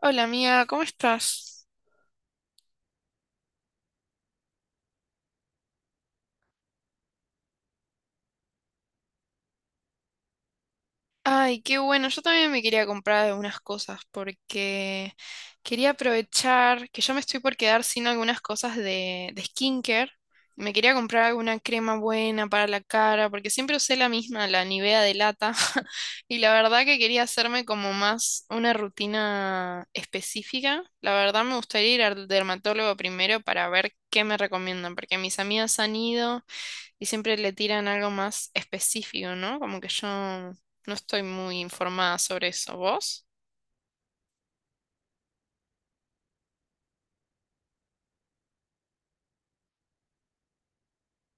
Hola amiga, ¿cómo estás? Ay, qué bueno, yo también me quería comprar algunas cosas porque quería aprovechar que yo me estoy por quedar sin algunas cosas de skincare. Me quería comprar alguna crema buena para la cara porque siempre usé la misma, la Nivea de lata. Y la verdad que quería hacerme como más una rutina específica. La verdad me gustaría ir al dermatólogo primero para ver qué me recomiendan porque mis amigas han ido. Y siempre le tiran algo más específico, ¿no? Como que yo no estoy muy informada sobre eso. ¿Vos?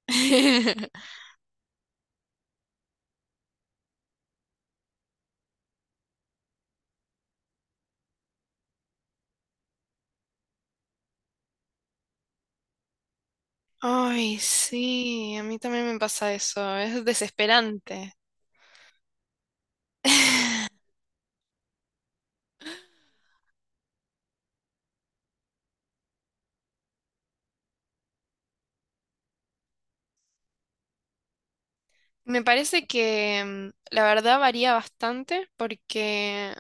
Ay, sí, a mí también me pasa eso. Es desesperante. Me parece que la verdad varía bastante porque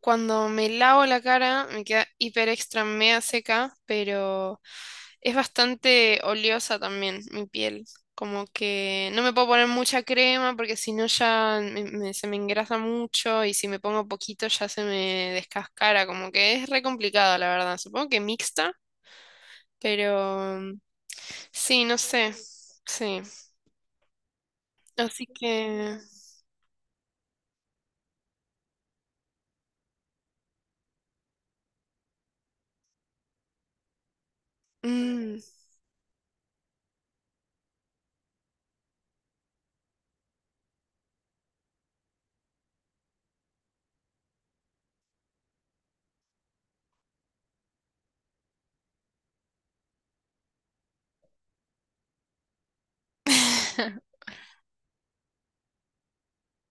cuando me lavo la cara me queda hiper extra mega seca, pero es bastante oleosa también mi piel. Como que no me puedo poner mucha crema porque si no ya se me engrasa mucho y si me pongo poquito ya se me descascara. Como que es re complicado, la verdad. Supongo que mixta, pero sí, no sé. Sí. Así que. Mm.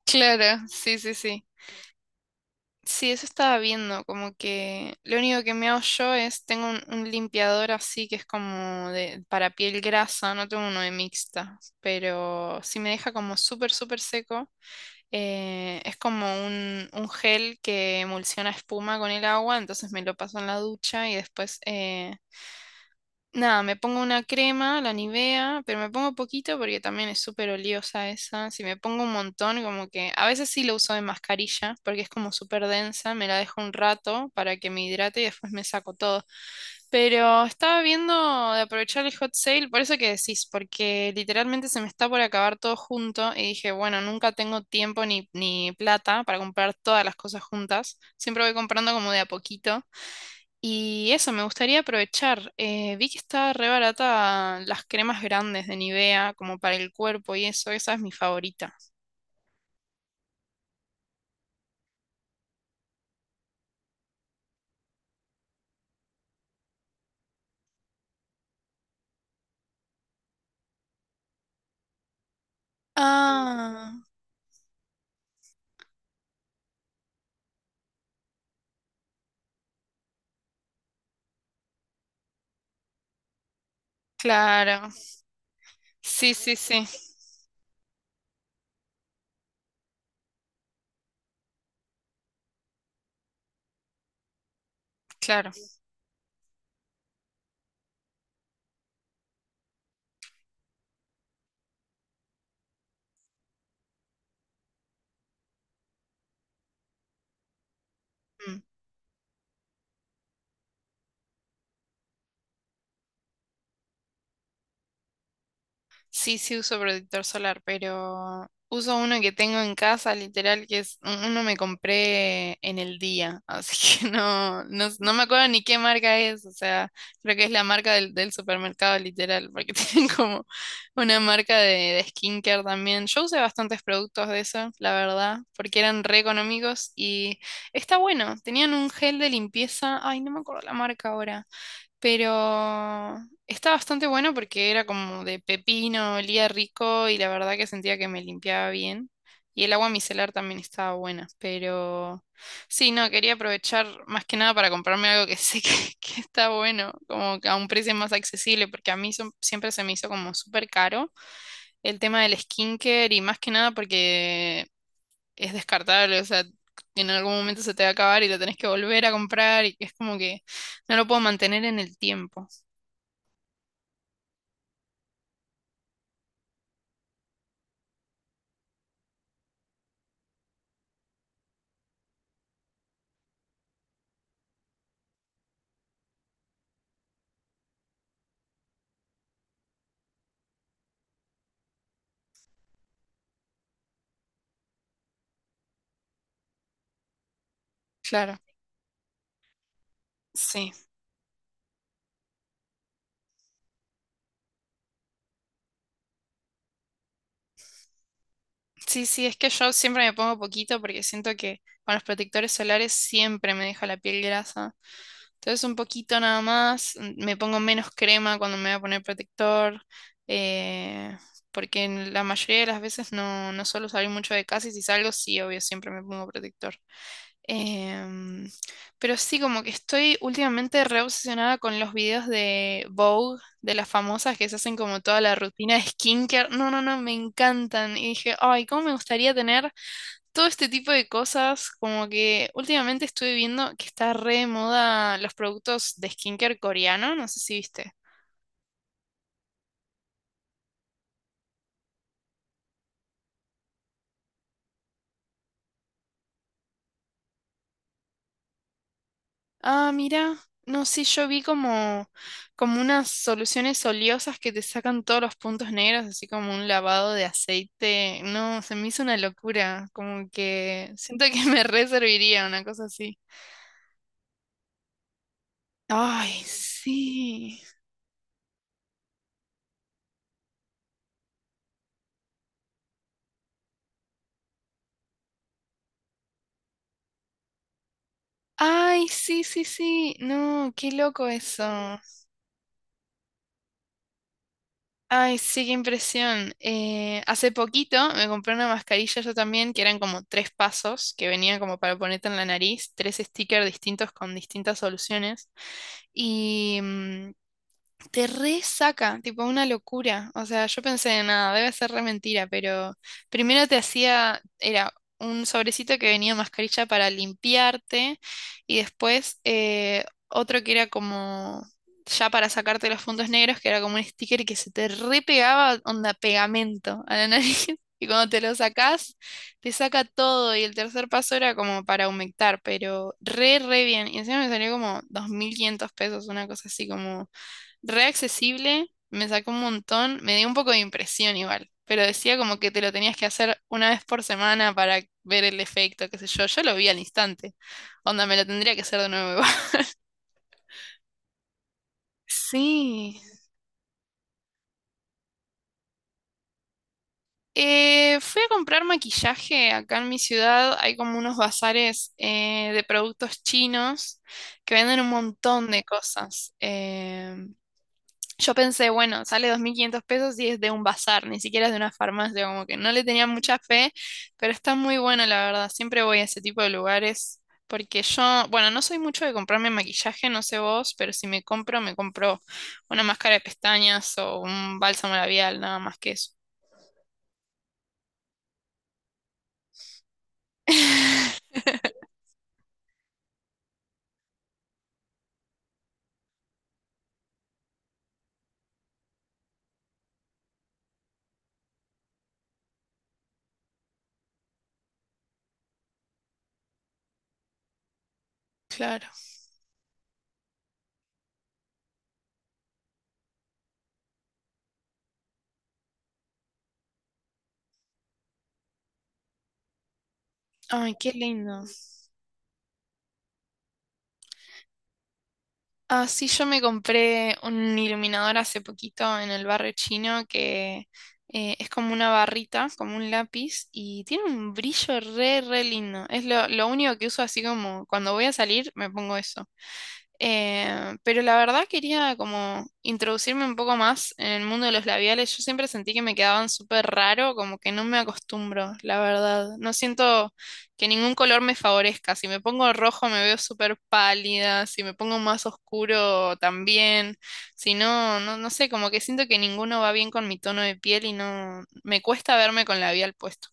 Claro, sí, sí, sí. Sí, eso estaba viendo, como que lo único que me hago yo es, tengo un limpiador así que es como de, para piel grasa, no tengo uno de mixta, pero si me deja como súper, súper seco, es como un gel que emulsiona espuma con el agua, entonces me lo paso en la ducha y después, nada, me pongo una crema, la Nivea, pero me pongo poquito porque también es súper oliosa esa. Si me pongo un montón, como que a veces sí lo uso de mascarilla porque es como súper densa, me la dejo un rato para que me hidrate y después me saco todo. Pero estaba viendo de aprovechar el hot sale, por eso que decís, porque literalmente se me está por acabar todo junto y dije, bueno, nunca tengo tiempo ni plata para comprar todas las cosas juntas. Siempre voy comprando como de a poquito. Y eso, me gustaría aprovechar. Vi que está re barata las cremas grandes de Nivea, como para el cuerpo y eso, esa es mi favorita. Ah, claro. Sí, sí, sí, claro. Sí, sí uso protector solar, pero uso uno que tengo en casa, literal, que es uno me compré en el día, así que no, no, no me acuerdo ni qué marca es, o sea, creo que es la marca del supermercado, literal, porque tienen como una marca de skincare también. Yo usé bastantes productos de eso, la verdad, porque eran re económicos y está bueno, tenían un gel de limpieza, ay, no me acuerdo la marca ahora, pero está bastante bueno porque era como de pepino, olía rico y la verdad que sentía que me limpiaba bien. Y el agua micelar también estaba buena, pero sí, no, quería aprovechar más que nada para comprarme algo que sé que, que está bueno, como que a un precio más accesible, porque a mí siempre se me hizo como súper caro el tema del skincare y más que nada porque es descartable, o sea, en algún momento se te va a acabar y lo tenés que volver a comprar y es como que no lo puedo mantener en el tiempo. Claro, sí. Sí, sí, es que yo siempre me pongo poquito porque siento que con los protectores solares siempre me deja la piel grasa. Entonces un poquito nada más, me pongo menos crema cuando me voy a poner protector, eh, porque en la mayoría de las veces no, no suelo salir mucho de casa y si salgo, sí, obvio, siempre me pongo protector. Em, pero sí, como que estoy últimamente re obsesionada con los videos de Vogue, de las famosas que se hacen como toda la rutina de skincare. No, no, no, me encantan. Y dije, ay, cómo me gustaría tener todo este tipo de cosas. Como que últimamente estuve viendo que está re de moda los productos de skincare coreano, no sé si viste. Ah, mira, no, sí, yo vi como, unas soluciones oleosas que te sacan todos los puntos negros, así como un lavado de aceite. No, se me hizo una locura, como que siento que me re serviría una cosa así. Ay, sí. Ay, sí, sí, sí. No, qué loco eso. Ay, sí, qué impresión. Hace poquito me compré una mascarilla yo también, que eran como tres pasos, que venían como para ponerte en la nariz, tres stickers distintos con distintas soluciones. Y te resaca, tipo una locura. O sea, yo pensé, nada, debe ser re mentira, pero primero te hacía, era un sobrecito que venía mascarilla para limpiarte y después, otro que era como ya para sacarte los puntos negros, que era como un sticker que se te repegaba, onda pegamento a la nariz. Y cuando te lo sacás, te saca todo. Y el tercer paso era como para humectar, pero re, re bien. Y encima me salió como 2.500 pesos, una cosa así como re accesible, me sacó un montón, me dio un poco de impresión igual, pero decía como que te lo tenías que hacer una vez por semana para ver el efecto, qué sé yo, yo lo vi al instante, onda, me lo tendría que hacer de nuevo, igual. Sí. Fui a comprar maquillaje acá en mi ciudad, hay como unos bazares, de productos chinos que venden un montón de cosas. Yo pensé, bueno, sale 2.500 pesos y es de un bazar, ni siquiera es de una farmacia, como que no le tenía mucha fe, pero está muy bueno, la verdad. Siempre voy a ese tipo de lugares porque yo, bueno, no soy mucho de comprarme maquillaje, no sé vos, pero si me compro, me compro una máscara de pestañas o un bálsamo labial, nada más que eso. Claro. Ay, qué lindo. Ah, sí, yo me compré un iluminador hace poquito en el barrio chino que, es como una barrita, como un lápiz, y tiene un brillo re, re lindo. Es lo único que uso así como cuando voy a salir me pongo eso. Pero la verdad quería como introducirme un poco más en el mundo de los labiales. Yo siempre sentí que me quedaban súper raro, como que no me acostumbro, la verdad. No siento que ningún color me favorezca. Si me pongo rojo me veo súper pálida, si me pongo más oscuro también. Si no, no, no sé, como que siento que ninguno va bien con mi tono de piel y no me cuesta verme con labial puesto.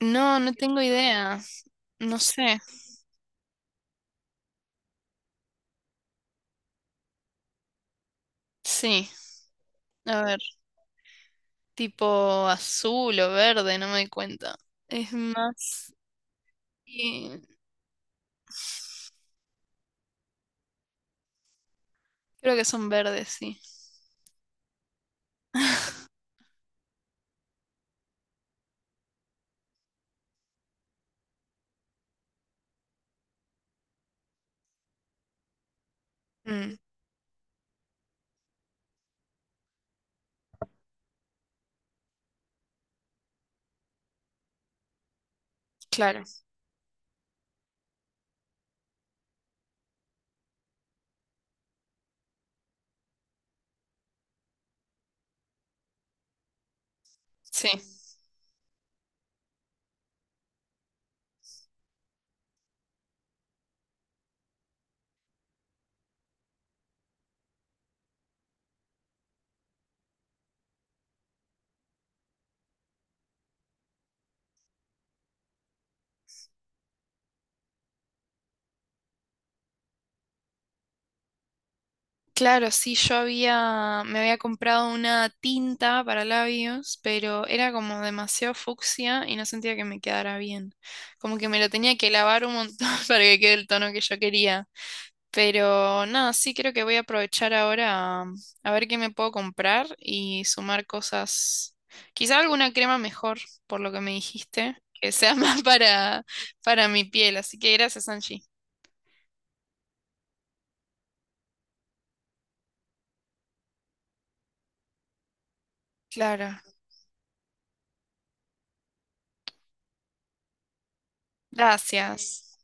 No, no tengo idea. No sé. Sí, a ver. Tipo azul o verde, no me doy cuenta. Es más, eh, creo que son verdes, sí. Mm, claro, sí. Claro, sí, yo había, me había comprado una tinta para labios, pero era como demasiado fucsia y no sentía que me quedara bien. Como que me lo tenía que lavar un montón para que quede el tono que yo quería. Pero nada, sí creo que voy a aprovechar ahora a ver qué me puedo comprar y sumar cosas. Quizá alguna crema mejor, por lo que me dijiste, que sea más para, mi piel. Así que gracias, Angie. Claro. Gracias.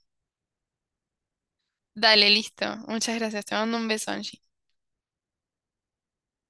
Dale, listo. Muchas gracias. Te mando un beso, Angie.